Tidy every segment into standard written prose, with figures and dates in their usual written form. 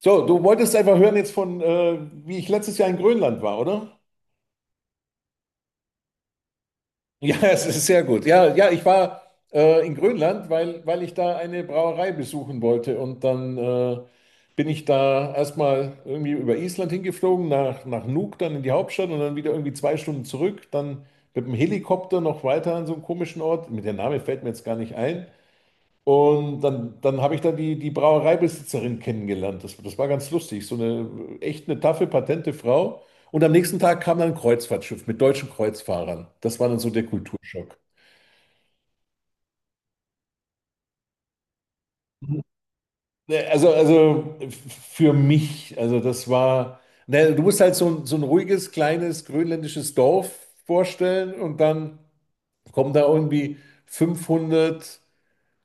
So, du wolltest einfach hören jetzt von, wie ich letztes Jahr in Grönland war, oder? Ja, es ist sehr gut. Ja, ich war in Grönland, weil ich da eine Brauerei besuchen wollte. Und dann bin ich da erstmal irgendwie über Island hingeflogen, nach Nuuk, dann in die Hauptstadt und dann wieder irgendwie 2 Stunden zurück. Dann mit dem Helikopter noch weiter an so einen komischen Ort. Mit der Name fällt mir jetzt gar nicht ein. Dann habe ich da die Brauereibesitzerin kennengelernt. Das war ganz lustig. So eine echt eine taffe, patente Frau. Und am nächsten Tag kam dann ein Kreuzfahrtschiff mit deutschen Kreuzfahrern. Das war dann so der Kulturschock. Ne, also für mich, also das war, ne, du musst halt so, so ein ruhiges, kleines grönländisches Dorf vorstellen und dann kommen da irgendwie 500.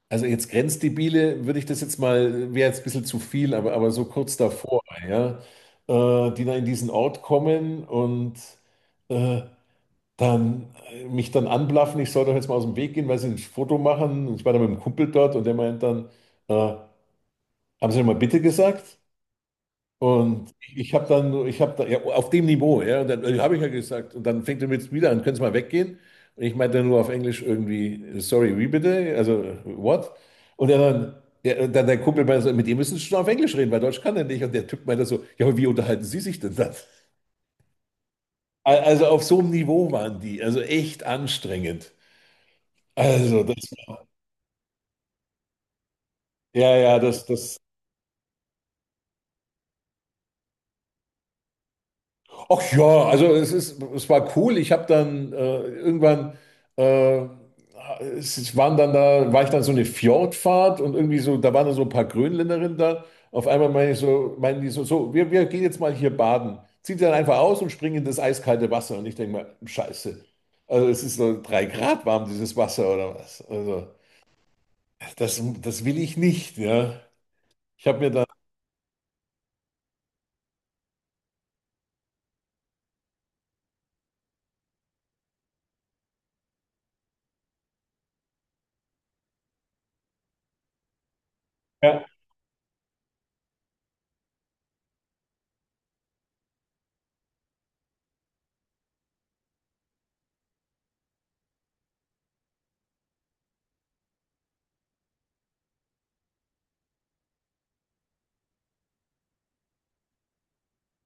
Also jetzt Grenzdebile würde ich das jetzt mal, wäre jetzt ein bisschen zu viel, aber so kurz davor, ja, die dann in diesen Ort kommen und äh, dann mich dann anblaffen, ich soll doch jetzt mal aus dem Weg gehen, weil sie ein Foto machen. Und ich war dann mit einem Kumpel dort und der meint dann, äh, haben Sie mal bitte gesagt? Ich habe da, ja, auf dem Niveau, ja, und dann habe ich ja gesagt, und dann fängt er mit wieder an, können Sie mal weggehen? Und ich meinte nur auf Englisch irgendwie, sorry, wie bitte? Also, what? Und er dann, ja, dann der Kumpel meinte so, mit dem müssen Sie schon auf Englisch reden, weil Deutsch kann er nicht. Und der Typ meinte so, ja, aber wie unterhalten Sie sich denn dann? Also auf so einem Niveau waren die, also echt anstrengend. Also, das, ja, ja, das, das Ach ja, also es ist, es war cool. Ich habe dann äh, irgendwann, äh, es es waren dann da, war ich dann so eine Fjordfahrt und irgendwie so, da waren dann so ein paar Grönländerinnen da. Auf einmal meine ich so, meinen die so, so, wir gehen jetzt mal hier baden. Zieht sie dann einfach aus und springen in das eiskalte Wasser. Und ich denke mal, Scheiße. Also es ist so 3 Grad warm, dieses Wasser oder was. Also das will ich nicht, ja. Ich habe mir da, ja,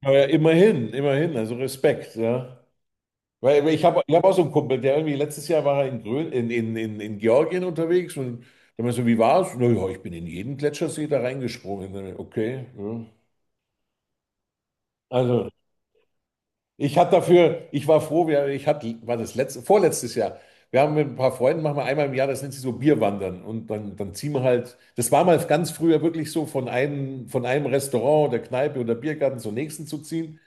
aber immerhin, immerhin, also Respekt, ja. Weil ich hab auch so einen Kumpel, der irgendwie letztes Jahr war er in, Grön, in Georgien unterwegs und da meinte so, wie war's? Na ja, ich bin in jeden Gletschersee da reingesprungen. Okay. Ja. Also ich hatte dafür, ich war froh, wir, ich hatte, war das letzte, vorletztes Jahr. Wir haben mit ein paar Freunden, machen wir einmal im Jahr, das nennt sich so Bierwandern. Dann ziehen wir halt, das war mal ganz früher wirklich so, von einem Restaurant oder Kneipe oder Biergarten zum nächsten zu ziehen.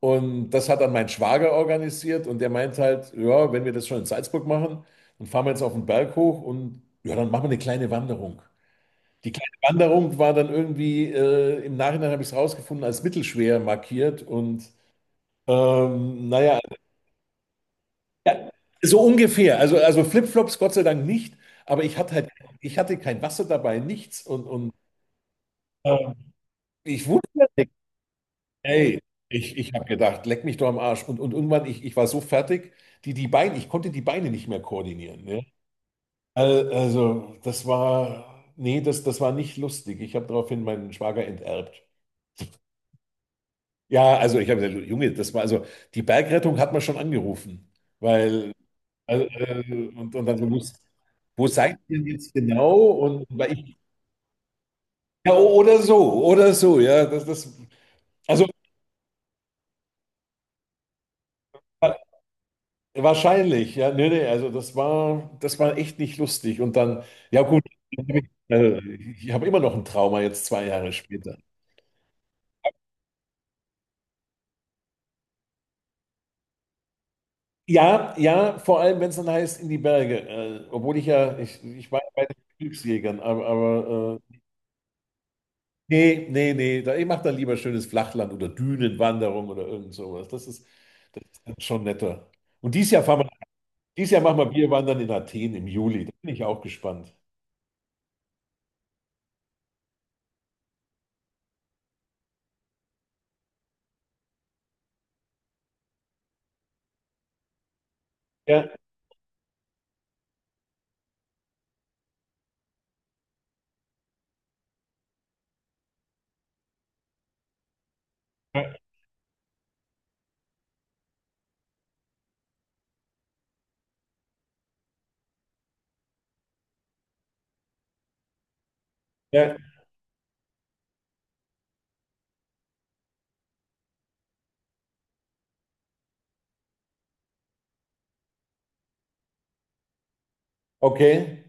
Und das hat dann mein Schwager organisiert und der meint halt, ja, wenn wir das schon in Salzburg machen, dann fahren wir jetzt auf den Berg hoch und ja, dann machen wir eine kleine Wanderung. Die kleine Wanderung war dann irgendwie, im Nachhinein habe ich es rausgefunden, als mittelschwer markiert und naja, ja, ja, so ungefähr. Also Flipflops Gott sei Dank nicht, aber ich hatte halt, ich hatte kein Wasser dabei, nichts und äh, ich wusste, Ey, ich habe gedacht, leck mich doch am Arsch. Und irgendwann, ich war so fertig, die Beine, ich konnte die Beine nicht mehr koordinieren. Ne? Also, das war, nee, das war nicht lustig. Ich habe daraufhin meinen Schwager enterbt. Ja, also ich habe gesagt, Junge, das war, also die Bergrettung hat man schon angerufen. Weil, also, und dann so, muss- wo seid ihr jetzt genau? Und weil ich, ja, oder so, ja, also. Wahrscheinlich, ja, nee, also das war echt nicht lustig. Und dann, ja gut, dann hab ich, also ich habe immer noch ein Trauma jetzt 2 Jahre später. Ja, vor allem, wenn es dann heißt, in die Berge. Obwohl ich ja, ich war ja bei den Glücksjägern, aber nee, da, ich mache dann lieber schönes Flachland oder Dünenwanderung oder irgend sowas. Das ist dann schon netter. Und dieses Jahr fahren wir, dieses Jahr machen wir Bierwandern in Athen im Juli. Da bin ich auch gespannt. Ja, ja, ja, okay.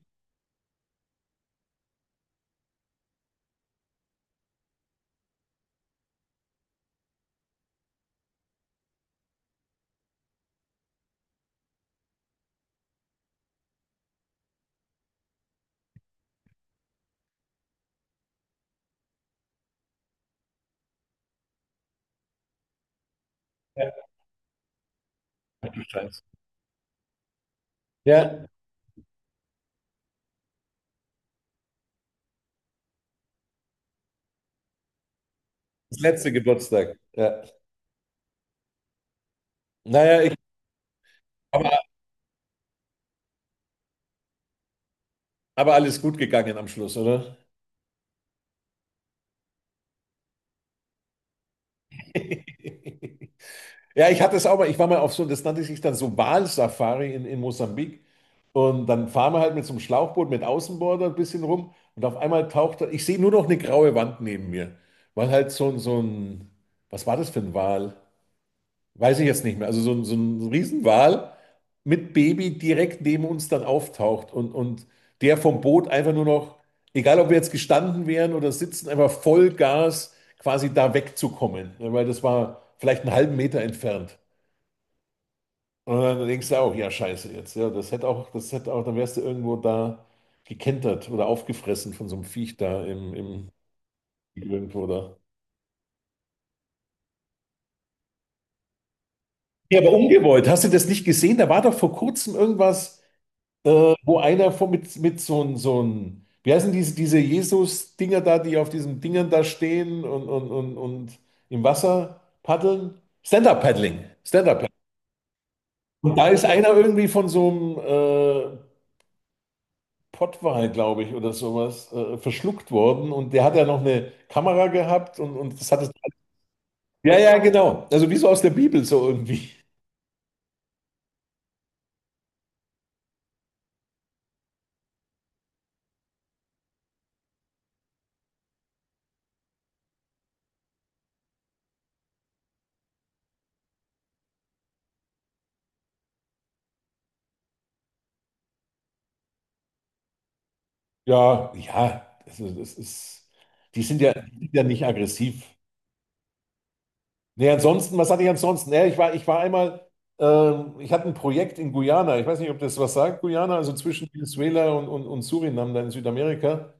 Ja, ach du Scheiße. Ja, das letzte Geburtstag. Ja. Naja, ich, aber, aber alles gut gegangen am Schluss, oder? Ja, ich hatte es auch mal, ich war mal auf so, das nannte sich dann so Walsafari in Mosambik. Und dann fahren wir halt mit so einem Schlauchboot mit Außenborder ein bisschen rum und auf einmal taucht, da- ich sehe nur noch eine graue Wand neben mir, weil halt so, so ein, was war das für ein Wal? Weiß ich jetzt nicht mehr. Also so, so ein Riesenwal mit Baby direkt neben uns dann auftaucht und der vom Boot einfach nur noch, egal ob wir jetzt gestanden wären oder sitzen, einfach Vollgas quasi da wegzukommen. Ja, weil das war vielleicht einen halben m entfernt. Und dann denkst du auch, ja, scheiße jetzt. Ja, das hätte auch, dann wärst du irgendwo da gekentert oder aufgefressen von so einem Viech da im irgendwo da. Ja, aber umgebeut. Hast du das nicht gesehen? Da war doch vor kurzem irgendwas. Wo einer von, mit so einem, so ein, wie heißen diese, diese Jesus-Dinger da, die auf diesen Dingern da stehen und im Wasser paddeln? Stand-up-Paddling. Stand-up-Paddling. Und da ist einer irgendwie von so einem Pottwal, glaube ich, oder sowas, verschluckt worden und der hat ja noch eine Kamera gehabt und das hat es. Ja, genau. Also wie so aus der Bibel, so irgendwie. Ja, also das ist, die sind ja nicht aggressiv. Nee, ansonsten, was hatte ich ansonsten? Ja, ich war einmal, ich hatte ein Projekt in Guyana. Ich weiß nicht, ob das was sagt, Guyana, also zwischen Venezuela und Suriname, da in Südamerika.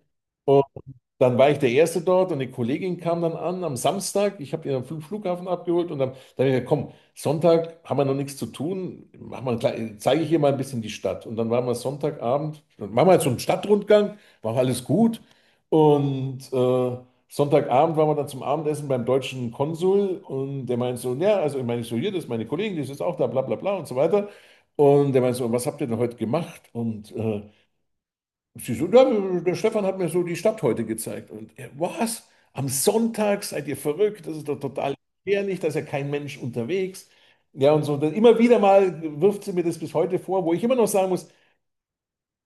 Dann war ich der Erste dort und eine Kollegin kam dann an am Samstag. Ich habe die am Flughafen abgeholt und dann, dann habe ich gesagt, komm, Sonntag haben wir noch nichts zu tun, mach mal, klei- zeige ich ihr mal ein bisschen die Stadt. Und dann waren wir Sonntagabend, dann machen wir jetzt so einen Stadtrundgang, war alles gut. Und Sonntagabend waren wir dann zum Abendessen beim deutschen Konsul und der meint so, ja, also ich meine, ich so, hier, das ist meine Kollegin, die ist jetzt auch da, bla bla bla und so weiter. Und der meint so, was habt ihr denn heute gemacht? Und Sie so, ja, der Stefan hat mir so die Stadt heute gezeigt. Und er, was? Am Sonntag seid ihr verrückt? Das ist doch total gefährlich, da ist ja kein Mensch unterwegs. Ja, und so. Dann immer wieder mal wirft sie mir das bis heute vor, wo ich immer noch sagen muss,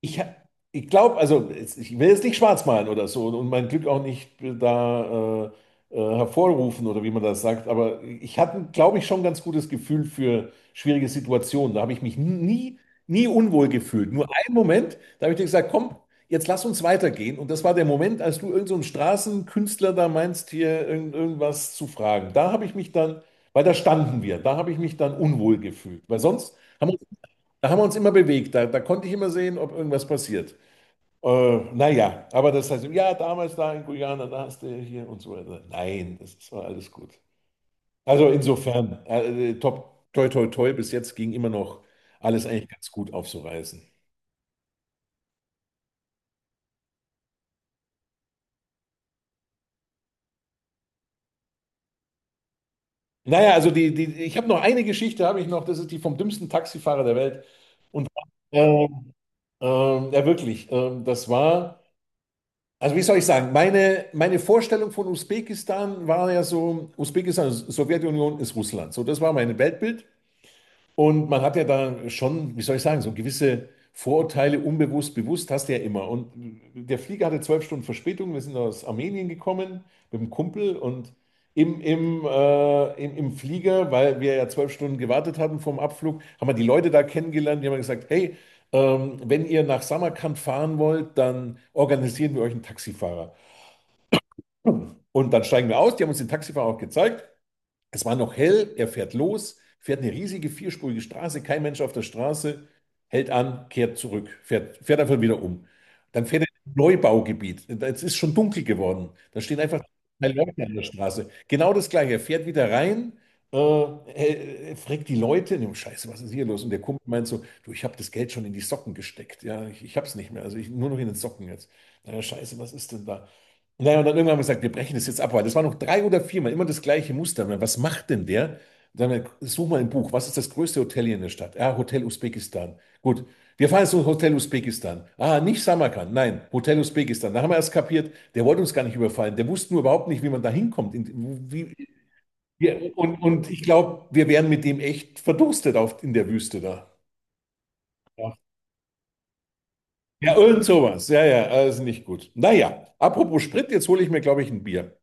ich, ha- ich glaube, also es- ich will jetzt nicht schwarz malen oder so und mein Glück auch nicht da hervorrufen oder wie man das sagt, aber ich hatte, glaube ich, schon ein ganz gutes Gefühl für schwierige Situationen. Da habe ich mich nie, nie unwohl gefühlt. Nur einen Moment, da habe ich dir gesagt, komm, jetzt lass uns weitergehen. Und das war der Moment, als du irgend so einen Straßenkünstler da meinst, hier irgend, irgendwas zu fragen. Da habe ich mich dann, weil da standen wir, da habe ich mich dann unwohl gefühlt. Weil sonst haben wir da haben wir uns immer bewegt. Da konnte ich immer sehen, ob irgendwas passiert. Naja, aber das heißt, ja, damals da in Guyana, da hast du ja hier und so weiter. Nein, das war alles gut. Also insofern, top, toi, toi, toi, bis jetzt ging immer noch alles eigentlich ganz gut aufzureißen. Naja, also die, ich habe noch eine Geschichte, habe ich noch, das ist die vom dümmsten Taxifahrer der Welt. Und äh, ja, wirklich, das war. Also wie soll ich sagen, meine Vorstellung von Usbekistan war ja so, Usbekistan, Sowjetunion ist Russland. So, das war mein Weltbild. Und man hat ja da schon, wie soll ich sagen, so gewisse Vorurteile unbewusst, bewusst hast du ja immer. Und der Flieger hatte 12 Stunden Verspätung. Wir sind aus Armenien gekommen mit einem Kumpel und im Flieger, weil wir ja 12 Stunden gewartet hatten vom Abflug, haben wir die Leute da kennengelernt. Die haben gesagt, hey, wenn ihr nach Samarkand fahren wollt, dann organisieren wir euch einen Taxifahrer. Und dann steigen wir aus, die haben uns den Taxifahrer auch gezeigt. Es war noch hell, er fährt los, fährt eine riesige vierspurige Straße, kein Mensch auf der Straße, hält an, kehrt zurück, fährt einfach wieder um. Dann fährt er in ein Neubaugebiet. Es ist schon dunkel geworden. Da stehen einfach drei Leute an der Straße. Genau das Gleiche. Er fährt wieder rein, er fragt die Leute, und Scheiße, was ist hier los? Und der Kumpel meint so, du, ich habe das Geld schon in die Socken gesteckt. Ja, ich habe es nicht mehr. Also ich, nur noch in den Socken jetzt. Na, Scheiße, was ist denn da? Naja, und dann irgendwann haben wir gesagt, wir brechen das jetzt ab, weil das war noch drei oder viermal immer das gleiche Muster. Und dann, was macht denn der? Dann such mal ein Buch. Was ist das größte Hotel hier in der Stadt? Ah, Hotel Usbekistan. Gut, wir fahren jetzt zum Hotel Usbekistan. Ah, nicht Samarkand, nein, Hotel Usbekistan. Da haben wir erst kapiert, der wollte uns gar nicht überfallen. Der wusste nur überhaupt nicht, wie man da hinkommt. In- wie, wir, und ich glaube, wir wären mit dem echt verdurstet auf, in der Wüste da. Ja, ja, irgend sowas. Ja, also nicht gut. Naja, apropos Sprit, jetzt hole ich mir, glaube ich, ein Bier.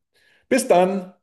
Bis dann.